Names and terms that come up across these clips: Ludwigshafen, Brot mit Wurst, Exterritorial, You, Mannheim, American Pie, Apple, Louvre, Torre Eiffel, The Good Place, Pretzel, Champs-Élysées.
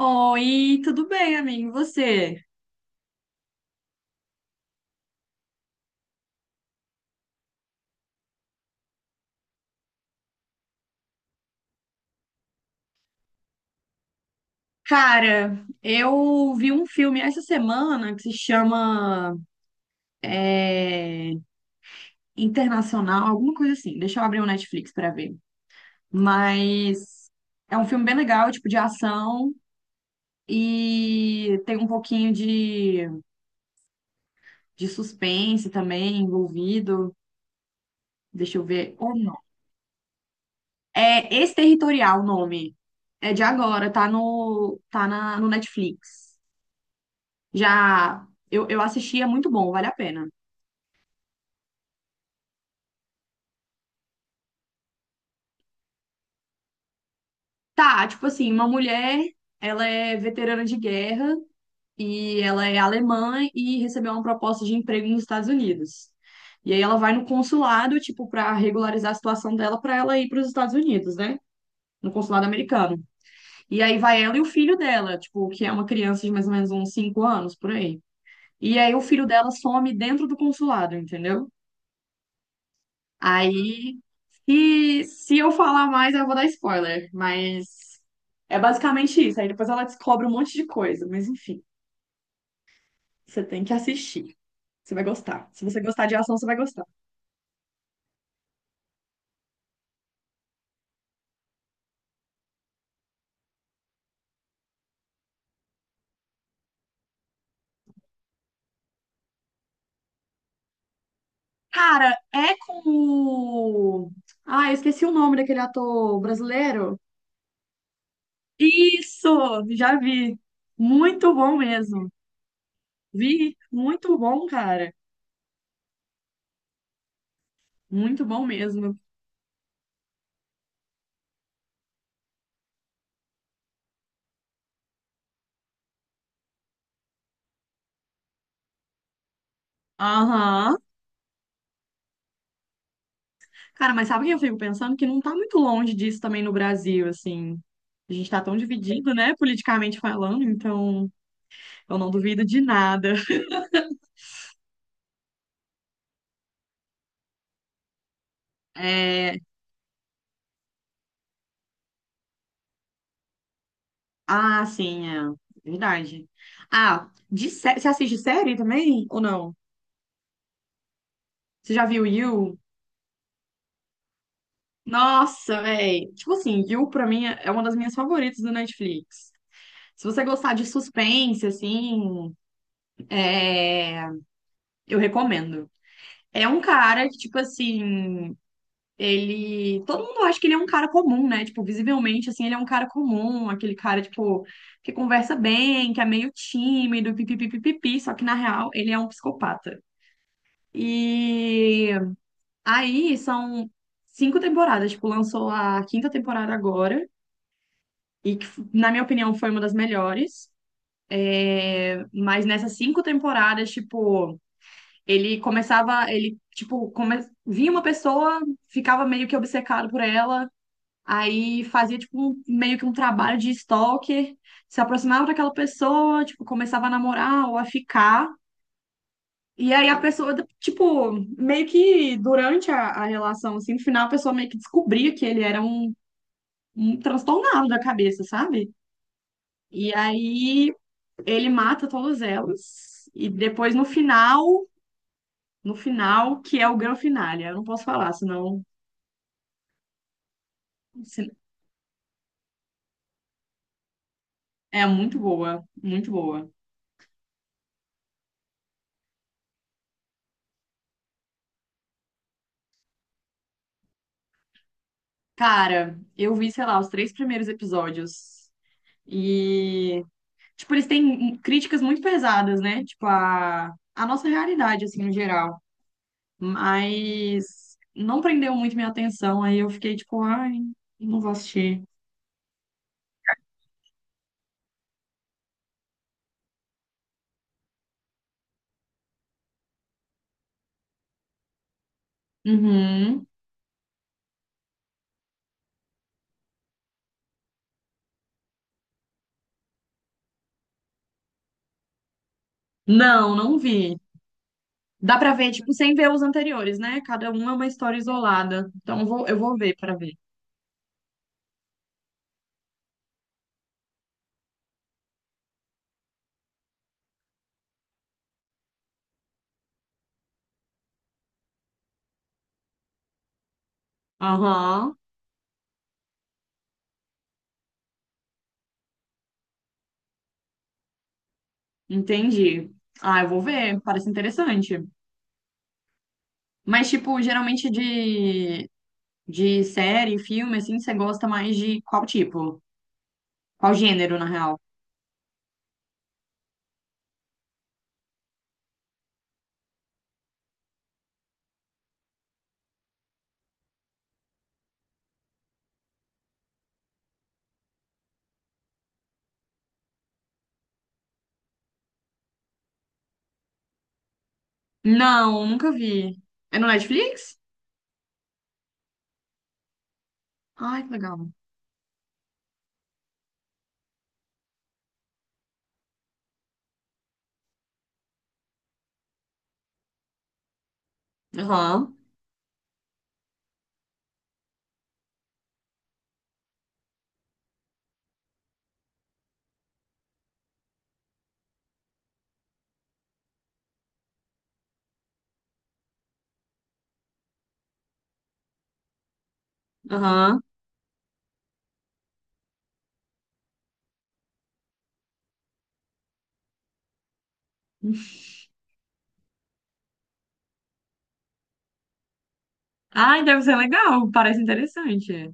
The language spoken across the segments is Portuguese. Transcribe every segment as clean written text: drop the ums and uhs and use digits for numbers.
Oi, tudo bem, amigo? E você? Cara, eu vi um filme essa semana que se chama é, Internacional, alguma coisa assim. Deixa eu abrir o Netflix pra ver. Mas é um filme bem legal, tipo de ação e tem um pouquinho de suspense também envolvido. Deixa eu ver. Ou não. É Exterritorial o nome. É de agora, tá na, no Netflix. Já eu assisti, é muito bom, vale a pena. Tá, tipo assim, uma mulher, ela é veterana de guerra e ela é alemã e recebeu uma proposta de emprego nos Estados Unidos. E aí ela vai no consulado, tipo, pra regularizar a situação dela pra ela ir pros Estados Unidos, né? No consulado americano. E aí vai ela e o filho dela, tipo, que é uma criança de mais ou menos uns 5 anos, por aí. E aí o filho dela some dentro do consulado, entendeu? Aí e se eu falar mais, eu vou dar spoiler, mas é basicamente isso. Aí depois ela descobre um monte de coisa, mas enfim, você tem que assistir. Você vai gostar. Se você gostar de ação, você vai gostar. Cara, é com o... Ah, eu esqueci o nome daquele ator brasileiro. Isso, já vi. Muito bom mesmo. Vi, muito bom, cara. Muito bom mesmo. Aham. Cara, mas sabe o que eu fico pensando? Que não tá muito longe disso também no Brasil, assim. A gente tá tão dividido, né, politicamente falando, então eu não duvido de nada. É... Ah, sim, é verdade. Ah, de sé... você assiste série também ou não? Você já viu You? Nossa, véi. Tipo assim, You pra mim é uma das minhas favoritas do Netflix. Se você gostar de suspense, assim, é... eu recomendo. É um cara que, tipo assim, ele. Todo mundo acha que ele é um cara comum, né? Tipo, visivelmente, assim, ele é um cara comum, aquele cara, tipo, que conversa bem, que é meio tímido, pipipipipi, só que na real ele é um psicopata. E aí são cinco temporadas, tipo, lançou a quinta temporada agora, e que, na minha opinião, foi uma das melhores. É, mas nessas cinco temporadas, tipo, ele começava, via uma pessoa, ficava meio que obcecado por ela. Aí fazia, tipo, meio que um trabalho de stalker, se aproximava daquela pessoa, tipo, começava a namorar ou a ficar. E aí a pessoa, tipo, meio que durante a relação, assim, no final a pessoa meio que descobria que ele era um um transtornado da cabeça, sabe? E aí ele mata todas elas. E depois no final, no final, que é o grande finale. Eu não posso falar, senão. se- É muito boa, muito boa. Cara, eu vi, sei lá, os três primeiros episódios. E, tipo, eles têm críticas muito pesadas, né? Tipo, a nossa realidade, assim, no geral. Mas não prendeu muito minha atenção. Aí eu fiquei, tipo, ai, não vou assistir. Uhum. Não, não vi. Dá pra ver, tipo, sem ver os anteriores, né? Cada um é uma história isolada. Então eu vou ver pra ver. Aham, entendi. Ah, eu vou ver, parece interessante. Mas, tipo, geralmente é de série, filme, assim, você gosta mais de qual tipo? Qual gênero, na real? Não, nunca vi. É no Netflix? Ai, que legal. Aham, aham. Ai, deve ser legal. Parece interessante.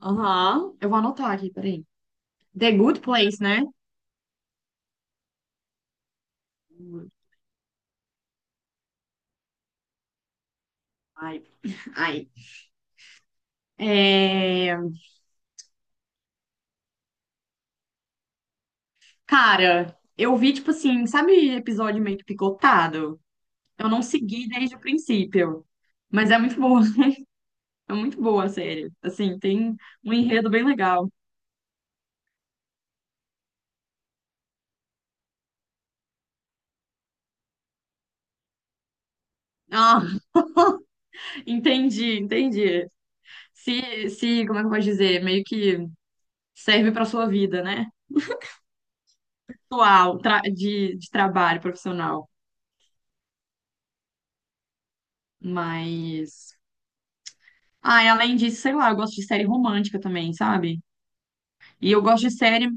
Aham. Eu vou anotar aqui, peraí. The Good Place, né? Ai, ai. É... Cara, eu vi, tipo assim, sabe episódio meio que picotado? Eu não segui desde o princípio. Mas é muito bom. É muito boa a série. Assim, tem um enredo bem legal. Ah, entendi, entendi. Se, como é que eu posso dizer? Meio que serve para sua vida, né? Atual, de trabalho profissional. Mas. Ah, e além disso, sei lá, eu gosto de série romântica também, sabe? E eu gosto de série.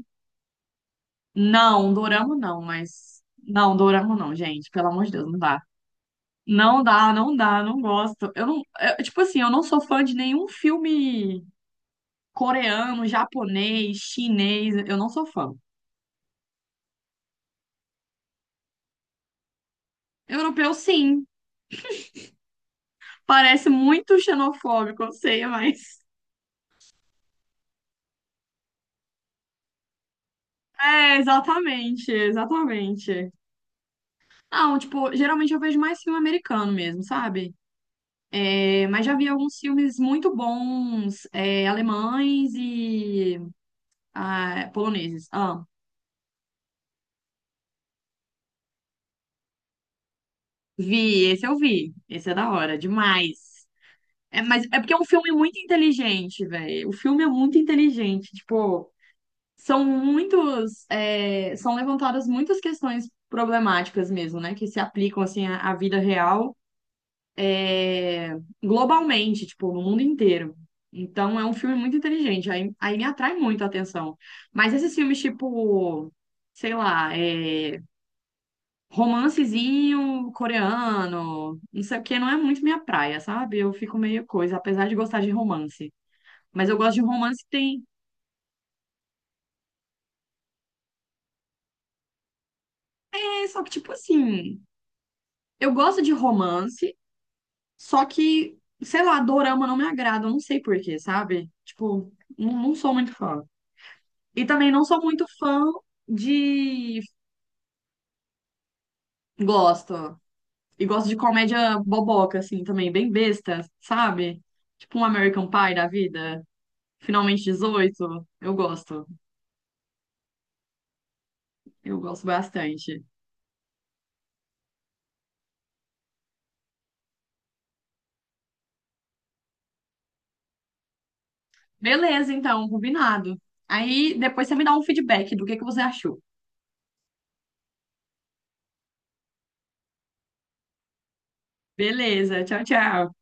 Não, dorama não, mas. Não, dorama não, gente. Pelo amor de Deus, não dá. Não dá, não dá, não gosto. Eu não. Tipo assim, eu não sou fã de nenhum filme coreano, japonês, chinês, eu não sou fã. Europeu, sim. Parece muito xenofóbico, eu sei, mas. É, exatamente, exatamente. Não, tipo, geralmente eu vejo mais filme americano mesmo, sabe? É, mas já vi alguns filmes muito bons, alemães e ah, poloneses. Ah, vi, esse eu vi. Esse é da hora, demais. É, mas é porque é um filme muito inteligente, velho. O filme é muito inteligente. Tipo, são muitos, são levantadas muitas questões problemáticas mesmo, né? Que se aplicam assim à vida real, é, globalmente, tipo, no mundo inteiro. Então é um filme muito inteligente, aí me atrai muito a atenção. Mas esses filmes, tipo, sei lá, romancezinho coreano, não sei o quê, não é muito minha praia, sabe? Eu fico meio coisa, apesar de gostar de romance. Mas eu gosto de um romance que tem. É, só que, tipo assim, eu gosto de romance. Só que, sei lá, dorama não me agrada, eu não sei por quê, sabe? Tipo, não, não sou muito fã. E também não sou muito fã de. Gosto. E gosto de comédia boboca, assim, também, bem besta, sabe? Tipo um American Pie da vida. Finalmente 18. Eu gosto. Eu gosto bastante. Beleza, então, combinado. Aí depois você me dá um feedback do que você achou. Beleza, tchau, tchau.